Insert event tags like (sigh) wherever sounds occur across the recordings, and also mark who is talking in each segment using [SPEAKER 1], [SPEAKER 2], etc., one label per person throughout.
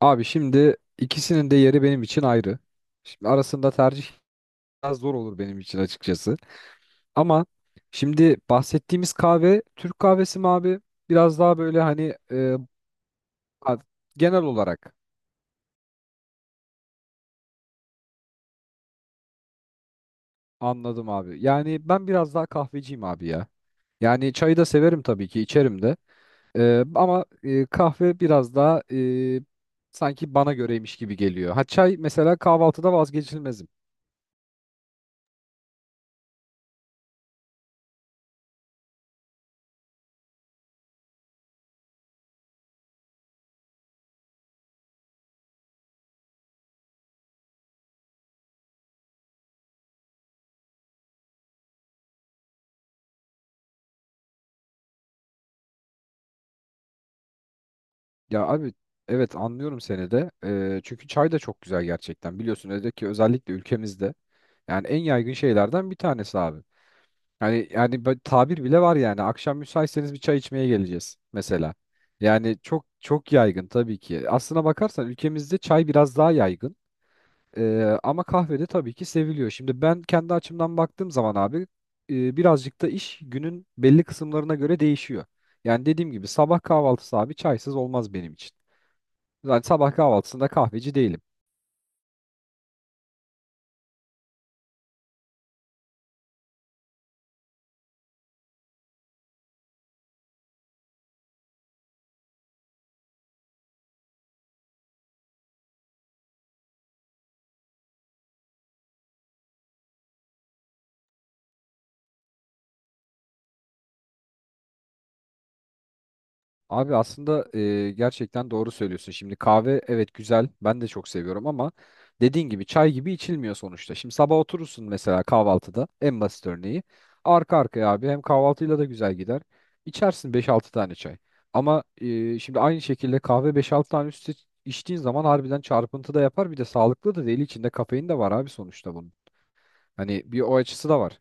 [SPEAKER 1] Abi şimdi ikisinin de yeri benim için ayrı. Şimdi arasında tercih biraz zor olur benim için açıkçası. Ama şimdi bahsettiğimiz kahve Türk kahvesi mi abi? Biraz daha böyle hani a- genel olarak anladım abi. Yani ben biraz daha kahveciyim abi ya. Yani çayı da severim tabii ki içerim de. Ama kahve biraz daha sanki bana göreymiş gibi geliyor. Ha çay mesela kahvaltıda vazgeçilmezim. Ya abi evet anlıyorum seni de. Çünkü çay da çok güzel gerçekten. Biliyorsun özellikle ki özellikle ülkemizde yani en yaygın şeylerden bir tanesi abi. Hani yani böyle tabir bile var yani akşam müsaitseniz bir çay içmeye geleceğiz mesela. Yani çok çok yaygın tabii ki. Aslına bakarsan ülkemizde çay biraz daha yaygın. Ama kahvede tabii ki seviliyor. Şimdi ben kendi açımdan baktığım zaman abi birazcık da iş günün belli kısımlarına göre değişiyor. Yani dediğim gibi sabah kahvaltısı abi çaysız olmaz benim için. Yani sabah kahvaltısında kahveci değilim. Abi aslında gerçekten doğru söylüyorsun. Şimdi kahve evet güzel. Ben de çok seviyorum ama dediğin gibi çay gibi içilmiyor sonuçta. Şimdi sabah oturursun mesela kahvaltıda en basit örneği. Arka arkaya abi hem kahvaltıyla da güzel gider. İçersin beş altı tane çay. Ama şimdi aynı şekilde kahve beş altı tane üstü içtiğin zaman harbiden çarpıntı da yapar. Bir de sağlıklı da değil. İçinde kafein de var abi sonuçta bunun. Hani bir o açısı da var.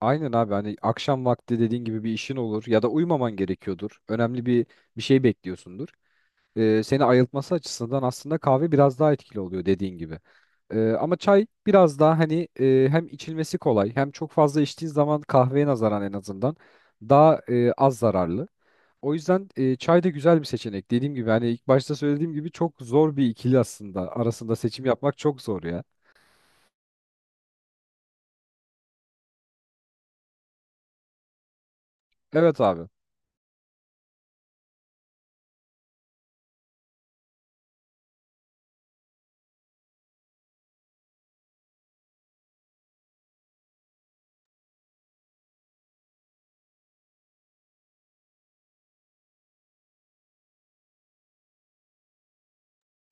[SPEAKER 1] Aynen abi hani akşam vakti dediğin gibi bir işin olur ya da uyumaman gerekiyordur. Önemli bir şey bekliyorsundur. Seni ayıltması açısından aslında kahve biraz daha etkili oluyor dediğin gibi. Ama çay biraz daha hani hem içilmesi kolay hem çok fazla içtiğin zaman kahveye nazaran en azından daha az zararlı. O yüzden çay da güzel bir seçenek. Dediğim gibi hani ilk başta söylediğim gibi çok zor bir ikili aslında. Arasında seçim yapmak çok zor ya. Evet abi.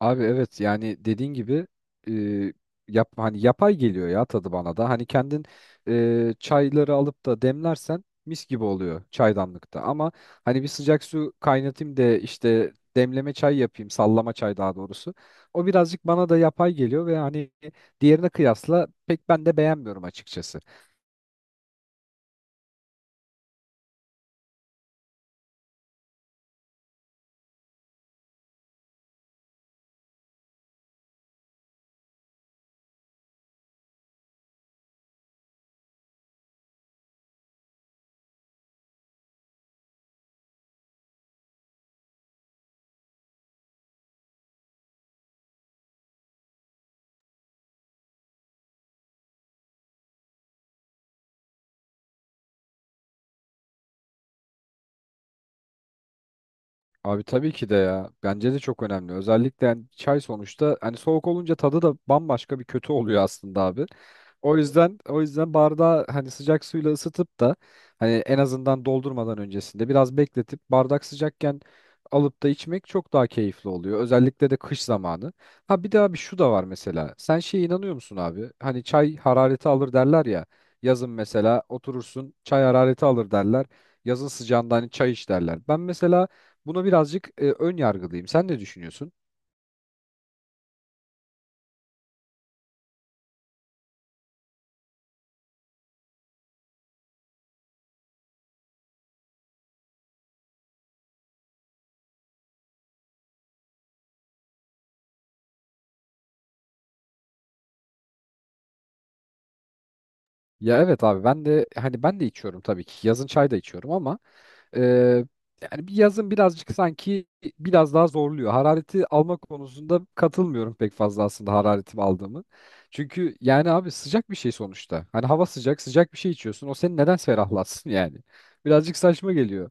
[SPEAKER 1] Abi evet yani dediğin gibi e, yap hani yapay geliyor ya tadı bana da. Hani kendin çayları alıp da demlersen mis gibi oluyor çaydanlıkta. Ama hani bir sıcak su kaynatayım da işte demleme çay yapayım, sallama çay daha doğrusu. O birazcık bana da yapay geliyor ve hani diğerine kıyasla pek ben de beğenmiyorum açıkçası. Abi tabii ki de ya. Bence de çok önemli. Özellikle yani çay sonuçta hani soğuk olunca tadı da bambaşka bir kötü oluyor aslında abi. O yüzden bardağı hani sıcak suyla ısıtıp da hani en azından doldurmadan öncesinde biraz bekletip bardak sıcakken alıp da içmek çok daha keyifli oluyor. Özellikle de kış zamanı. Ha bir de abi şu da var mesela. Sen şeye inanıyor musun abi? Hani çay harareti alır derler ya. Yazın mesela oturursun çay harareti alır derler. Yazın sıcağında hani çay iç derler. Ben mesela buna birazcık ön yargılıyım. Sen ne düşünüyorsun? Ya evet abi ben de hani ben de içiyorum tabii ki. Yazın çay da içiyorum ama e, yani bir yazın birazcık sanki biraz daha zorluyor. Harareti alma konusunda katılmıyorum pek fazla aslında hararetimi aldığımı. Çünkü yani abi sıcak bir şey sonuçta. Hani hava sıcak, sıcak bir şey içiyorsun. O seni neden ferahlatsın (laughs) yani? Birazcık saçma geliyor.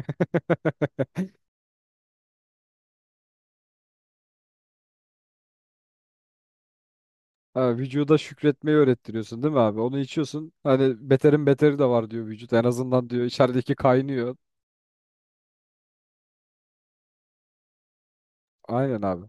[SPEAKER 1] (laughs) Ha, vücuda şükretmeyi öğrettiriyorsun değil mi abi? Onu içiyorsun. Hani beterin beteri de var diyor vücut. En azından diyor içerideki kaynıyor. Aynen abi.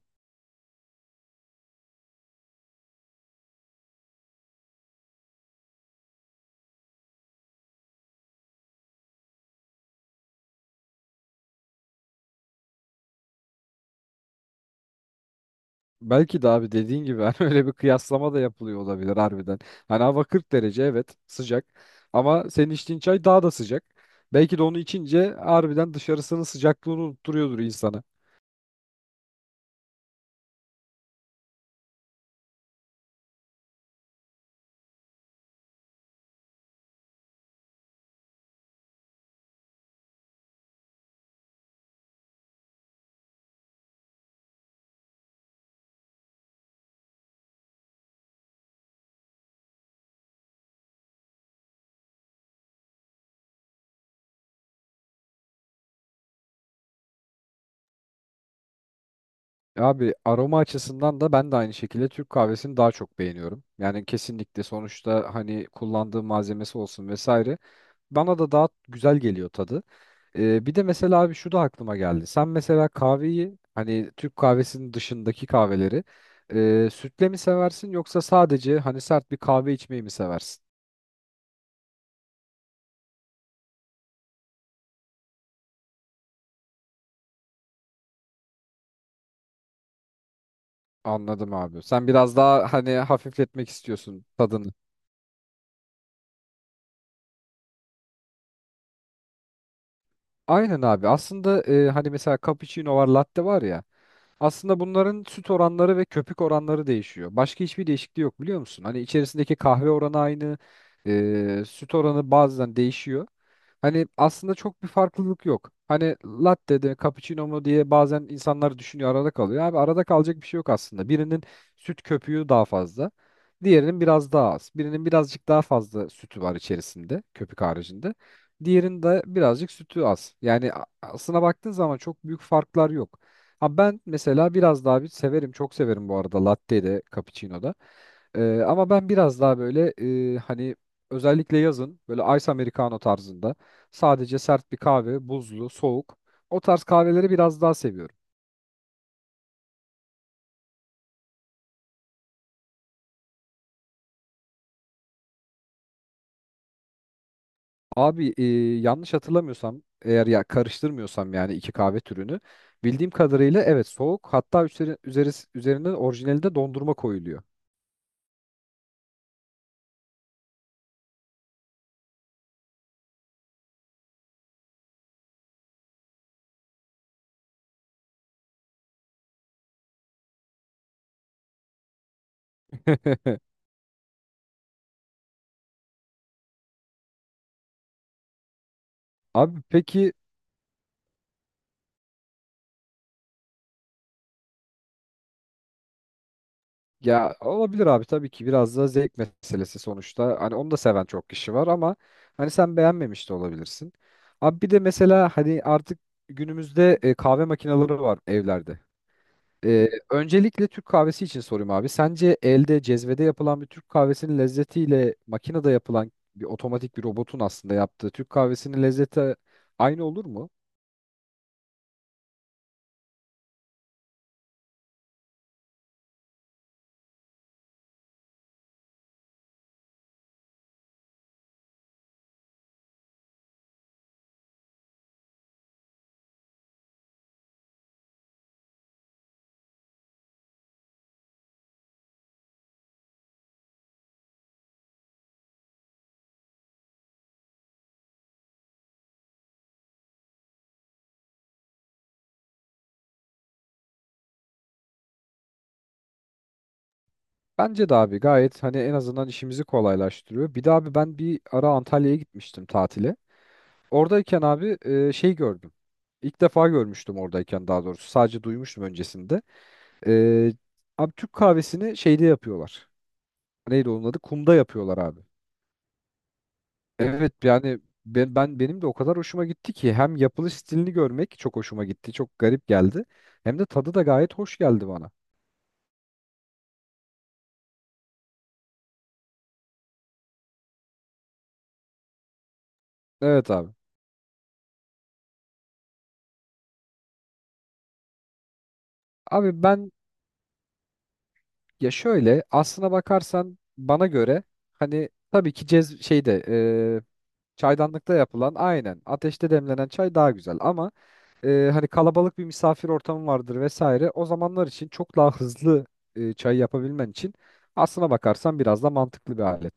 [SPEAKER 1] Belki de abi dediğin gibi hani (laughs) öyle bir kıyaslama da yapılıyor olabilir harbiden. Hani hava 40 derece evet sıcak ama senin içtiğin çay daha da sıcak. Belki de onu içince harbiden dışarısının sıcaklığını unutturuyordur insana. Abi aroma açısından da ben de aynı şekilde Türk kahvesini daha çok beğeniyorum. Yani kesinlikle sonuçta hani kullandığı malzemesi olsun vesaire. Bana da daha güzel geliyor tadı. Bir de mesela abi şu da aklıma geldi. Sen mesela kahveyi hani Türk kahvesinin dışındaki kahveleri sütle mi seversin yoksa sadece hani sert bir kahve içmeyi mi seversin? Anladım abi. Sen biraz daha hani hafifletmek istiyorsun tadını. Aynen abi. Aslında hani mesela cappuccino var, latte var ya. Aslında bunların süt oranları ve köpük oranları değişiyor. Başka hiçbir değişikliği yok biliyor musun? Hani içerisindeki kahve oranı aynı, süt oranı bazen değişiyor. Hani aslında çok bir farklılık yok. Hani latte de cappuccino mu diye bazen insanlar düşünüyor arada kalıyor. Abi arada kalacak bir şey yok aslında. Birinin süt köpüğü daha fazla, diğerinin biraz daha az. Birinin birazcık daha fazla sütü var içerisinde, köpük haricinde. Diğerinde birazcık sütü az. Yani aslına baktığın zaman çok büyük farklar yok. Abi ben mesela biraz daha bir severim, çok severim bu arada latte de, cappuccino da. Ama ben biraz daha böyle hani özellikle yazın böyle ice americano tarzında sadece sert bir kahve, buzlu, soğuk o tarz kahveleri biraz daha seviyorum. Abi yanlış hatırlamıyorsam eğer ya karıştırmıyorsam yani iki kahve türünü bildiğim kadarıyla evet soğuk hatta üzerine orijinalinde dondurma koyuluyor. (laughs) Abi peki. Ya olabilir abi tabii ki biraz da zevk meselesi sonuçta. Hani onu da seven çok kişi var ama hani sen beğenmemiş de olabilirsin. Abi bir de mesela hani artık günümüzde kahve makineleri var evlerde. Öncelikle Türk kahvesi için sorayım abi. Sence elde cezvede yapılan bir Türk kahvesinin lezzetiyle makinede yapılan bir otomatik bir robotun aslında yaptığı Türk kahvesinin lezzeti aynı olur mu? Bence de abi gayet hani en azından işimizi kolaylaştırıyor. Bir de abi ben bir ara Antalya'ya gitmiştim tatile. Oradayken abi şey gördüm. İlk defa görmüştüm oradayken daha doğrusu. Sadece duymuştum öncesinde. E, Abi Türk kahvesini şeyde yapıyorlar. Neydi onun adı? Kumda yapıyorlar abi. Evet yani benim de o kadar hoşuma gitti ki hem yapılış stilini görmek çok hoşuma gitti. Çok garip geldi. Hem de tadı da gayet hoş geldi bana. Evet abi. Abi ben ya şöyle aslına bakarsan bana göre hani tabii ki çaydanlıkta yapılan aynen ateşte demlenen çay daha güzel ama hani kalabalık bir misafir ortamı vardır vesaire. O zamanlar için çok daha hızlı çay yapabilmen için aslına bakarsan biraz da mantıklı bir alet.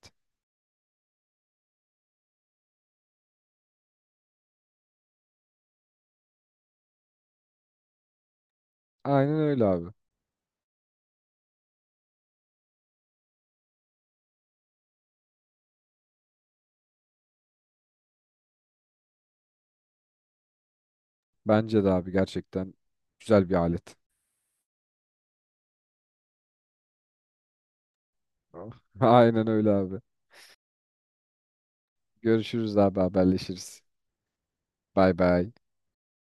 [SPEAKER 1] Aynen öyle abi. Bence de abi gerçekten güzel bir alet. (laughs) Aynen öyle abi. Görüşürüz abi haberleşiriz. Bay bay.